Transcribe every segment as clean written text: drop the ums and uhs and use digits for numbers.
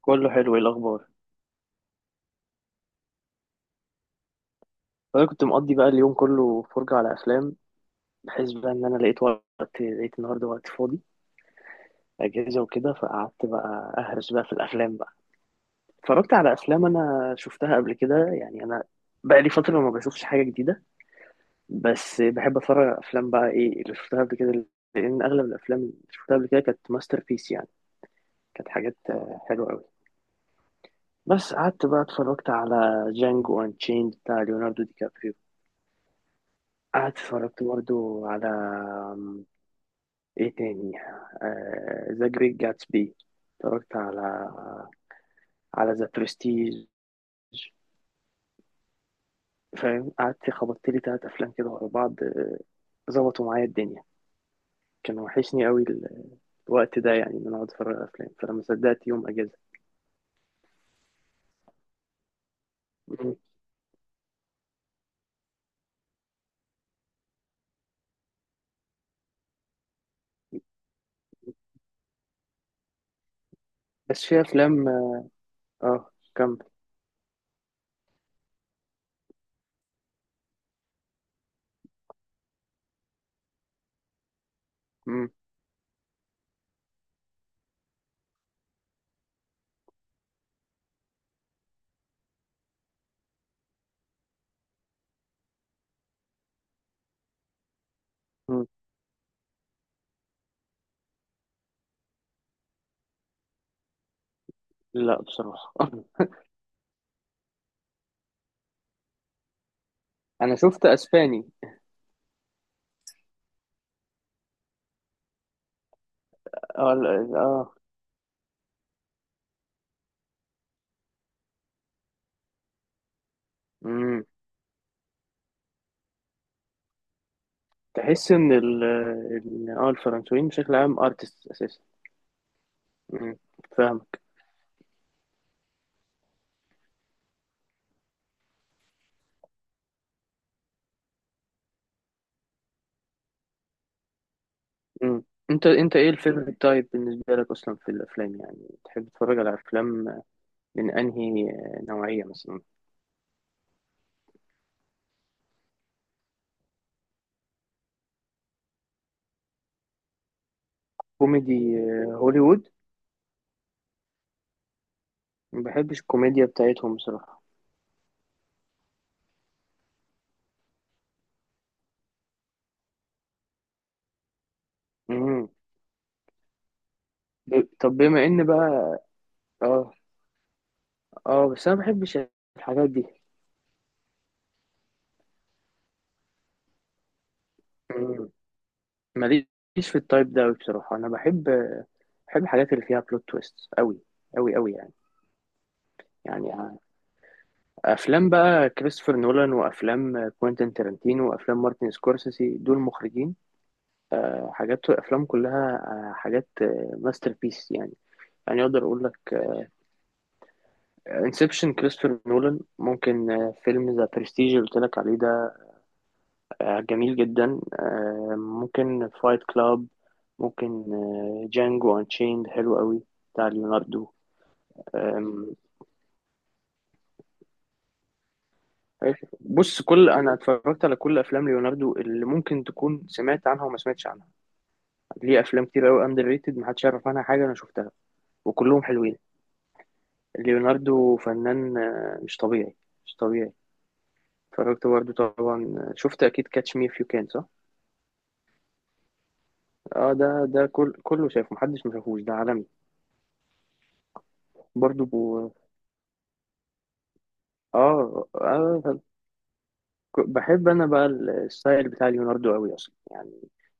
كله حلو. ايه الاخبار؟ انا كنت مقضي بقى اليوم كله فرجة على افلام، بحيث بقى ان لقيت وقت، لقيت النهارده وقت فاضي، اجازه وكده، فقعدت بقى اهرس بقى في الافلام بقى. اتفرجت على افلام انا شفتها قبل كده، يعني انا بقى لي فتره ما بشوفش حاجه جديده. بس بحب اتفرج على افلام بقى ايه اللي شفتها قبل كده، لان اغلب الافلام اللي شفتها قبل كده كانت ماستر بيس يعني. كانت حاجات حلوه قوي. بس قعدت بقى اتفرجت على جانجو انشيند بتاع ليوناردو دي كابريو. قعدت اتفرجت برضو على ايه تاني ذا جريت جاتسبي. اتفرجت على ذا برستيج، فاهم. قعدت خبطت لي تلات افلام كده ورا بعض، ظبطوا معايا الدنيا. كان وحشني قوي الوقت ده، يعني ان انا اقعد اتفرج على افلام، فلما صدقت يوم اجازه. مم. بس في افلام اه، كمل. مم. مم. لا بصراحه. انا شفت اسباني. اه لا، اه. مم. تحس ان الفرنسويين بشكل عام ارتست اساسا. مم. فاهم. مم. انت، ايه الفيفوريت تايب بالنسبه لك اصلا في الافلام؟ يعني تحب تتفرج على افلام من انهي نوعيه مثلا؟ كوميدي، هوليوود. ما بحبش الكوميديا بتاعتهم بصراحه. مم. طب بما ان بقى، اه اه بس انا ما بحبش الحاجات دي. مم. ماليش في التايب ده أوي بصراحه. انا بحب، الحاجات اللي فيها بلوت تويست قوي قوي قوي يعني. يعني افلام بقى كريستوفر نولان وافلام كوينتين تارانتينو وافلام مارتن سكورسيزي، دول مخرجين حاجات، وافلام كلها آه، حاجات ماستر بيس يعني. يعني اقدر اقول لك انسبشن كريستوفر نولان، ممكن فيلم ذا برستيج اللي قلت لك عليه ده، جميل جدا، ممكن فايت كلاب، ممكن جانجو انشيند حلو قوي بتاع ليوناردو. آم، بص، انا اتفرجت على كل افلام ليوناردو اللي ممكن تكون سمعت عنها وما سمعتش عنها. ليه افلام كتير قوي اندر ريتد محدش يعرف عنها حاجه، انا شفتها وكلهم حلوين. ليوناردو فنان مش طبيعي، مش طبيعي. اتفرجت برضه طبعا، شفت اكيد كاتش مي اف يو كان، صح. اه ده، كله شايفه، محدش ما شافوش ده عالمي. برضه اه. بحب انا بقى الستايل بتاع ليوناردو قوي اصلا يعني.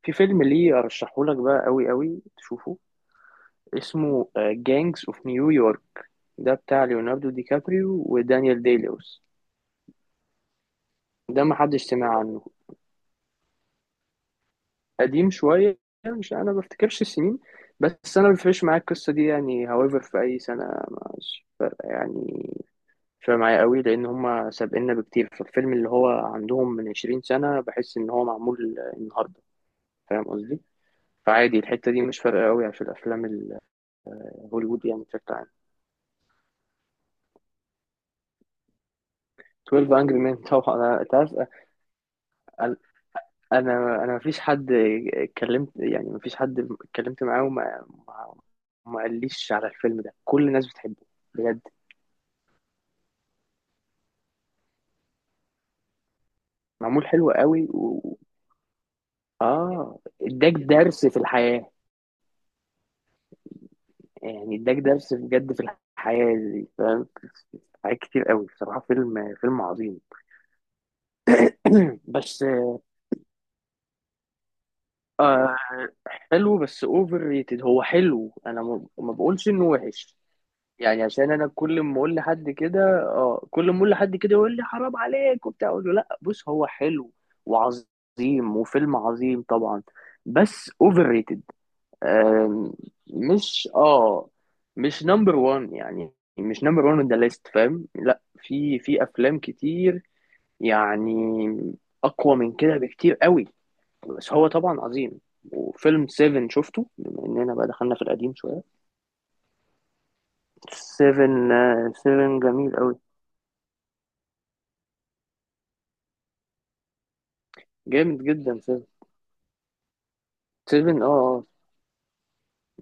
في فيلم ليه ارشحه لك بقى قوي قوي تشوفه، اسمه جانجز اوف نيويورك، ده بتاع ليوناردو دي كابريو ودانيال دي لويس. ده ما حدش سمع عنه. قديم شوية. مش، أنا ما بفتكرش السنين، بس أنا ما بيفرقش معايا القصة دي يعني however في أي سنة. مش فارقة يعني. مش فارقة معايا قوي لأن هما سابقنا بكتير، فالفيلم اللي هو عندهم من 20 سنة بحس إن هو معمول النهاردة. فاهم قصدي؟ فعادي الحتة دي مش فارقة قوي عشان الأفلام الهوليوود يعني بشكل عام. 12 Angry Men. طبعا أنا، أنت عارف، أنا أنا مفيش حد اتكلمت، يعني مفيش حد اتكلمت معاه وما ما ما قاليش على الفيلم ده، كل الناس بتحبه بجد. معمول حلو قوي و، اه اداك درس في الحياة. يعني اداك درس بجد في الحياة دي، فاهم، حاجات كتير قوي بصراحة، فيلم، فيلم عظيم. بس آه، حلو بس اوفر ريتد. هو حلو، انا ما بقولش انه وحش. يعني عشان انا كل ما اقول لحد كده اه، كل ما اقول لحد كده يقول لي حرام عليك وبتاع، اقول له لا، بص هو حلو وعظيم وفيلم عظيم طبعا، بس اوفر ريتد. آم، مش اه، مش نمبر وان يعني، مش نمبر وان ذا ليست، فاهم. لا، في افلام كتير يعني اقوى من كده بكتير قوي. بس هو طبعا عظيم. وفيلم 7 شفته بما اننا بقى دخلنا في القديم شويه. 7، 7 جميل قوي. جامد جدا 7. 7 اه، آه.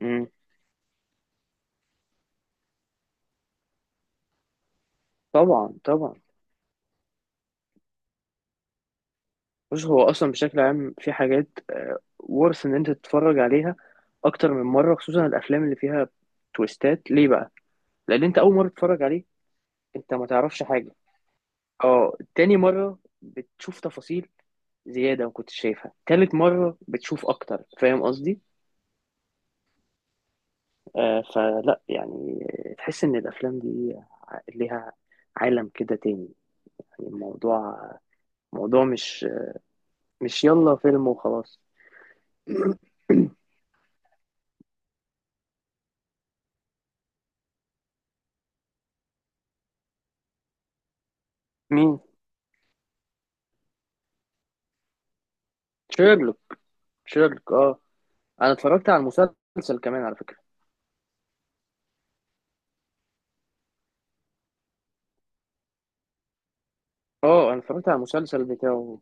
مم. طبعا طبعا. بص هو اصلا بشكل عام في حاجات، ورث ان انت تتفرج عليها اكتر من مره، خصوصا الافلام اللي فيها تويستات. ليه بقى؟ لان انت اول مره تتفرج عليه انت ما تعرفش حاجه. اه، تاني مره بتشوف تفاصيل زياده ما كنتش شايفها، تالت مره بتشوف اكتر، فاهم قصدي. آه، فلا يعني، تحس ان الافلام دي ليها عالم كده تاني يعني. الموضوع موضوع، مش، مش يلا فيلم وخلاص. مين؟ شيرلوك، شيرلوك اه. انا اتفرجت على المسلسل كمان على فكره. اه انا اتفرجت على المسلسل بتاعه.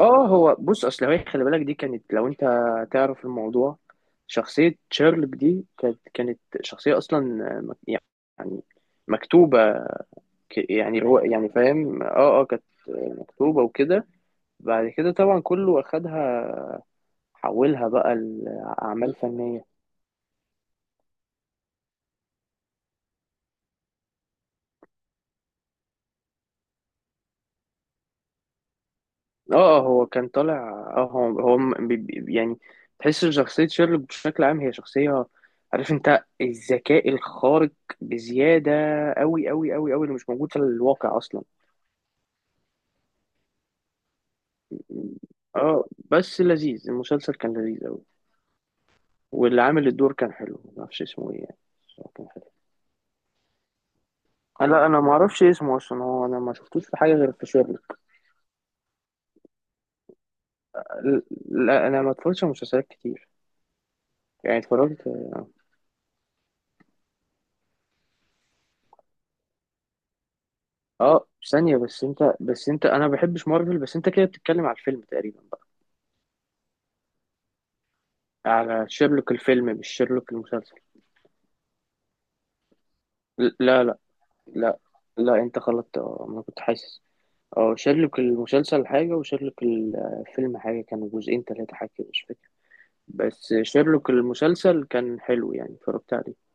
اه هو بص اصل هي، خلي بالك دي كانت، لو انت تعرف الموضوع، شخصيه شيرلوك دي كانت شخصيه اصلا، مك- يعني مكتوبه. ك- يعني هو يعني فاهم، اه اه، كانت مكتوبه وكده. بعد كده طبعا كله اخدها، حولها بقى لاعمال فنيه. اه اه، هو كان طالع، اه هو يعني تحس ان شخصية شيرلوك بشكل عام هي شخصية، عارف انت، الذكاء الخارق بزيادة أوي أوي أوي أوي اللي مش موجود في الواقع أصلا. اه بس لذيذ المسلسل، كان لذيذ أوي. واللي عامل الدور كان حلو، معرفش اسمه ايه يعني، بس هو كان حلو. لا انا معرفش اسمه اصلا، هو انا ما شفتوش في حاجة غير في شيرلوك. لا انا ما اتفرجتش على مسلسلات كتير يعني، اتفرجت اه ثانية. بس انت، انا ما بحبش مارفل، بس انت كده بتتكلم على الفيلم تقريبا بقى. على شيرلوك الفيلم مش شيرلوك المسلسل. لا لا لا انت غلطت، اه انا كنت حاسس. اه شيرلوك المسلسل حاجة وشيرلوك الفيلم حاجة، كانوا جزئين تلاتة حاجة كده مش فاكر. بس شيرلوك المسلسل كان حلو يعني، اتفرجت عليه.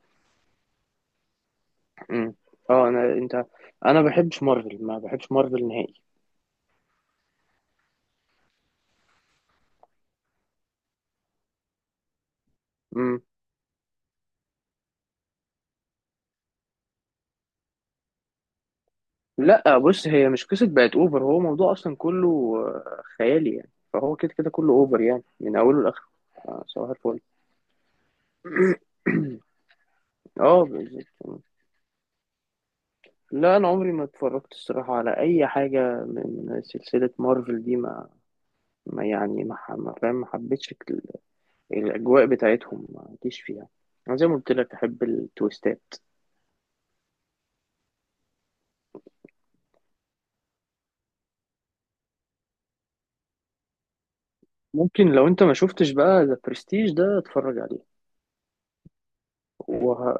امم. اه انا، انت، انا ما بحبش مارفل، ما بحبش مارفل نهائي. لا بص هي مش قصة بقت اوفر، هو موضوع اصلا كله خيالي يعني، فهو كده كده كله اوفر يعني من اوله لاخره. صباح الفل. اه بالظبط. لا انا عمري ما اتفرجت الصراحة على اي حاجة من سلسلة مارفل دي، ما فاهم، ما حبيتش الاجواء بتاعتهم، ما جيش فيها. انا زي ما قلت لك احب التويستات. ممكن لو انت ما شفتش بقى ذا برستيج ده، اتفرج عليه. وه...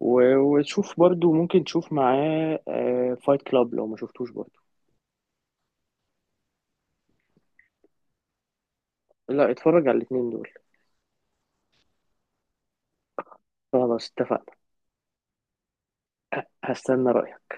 وشوف برضو، ممكن تشوف معاه فايت كلاب لو ما شفتوش برضو. لا، اتفرج على الاتنين دول. خلاص اتفقنا. هستنى رأيك.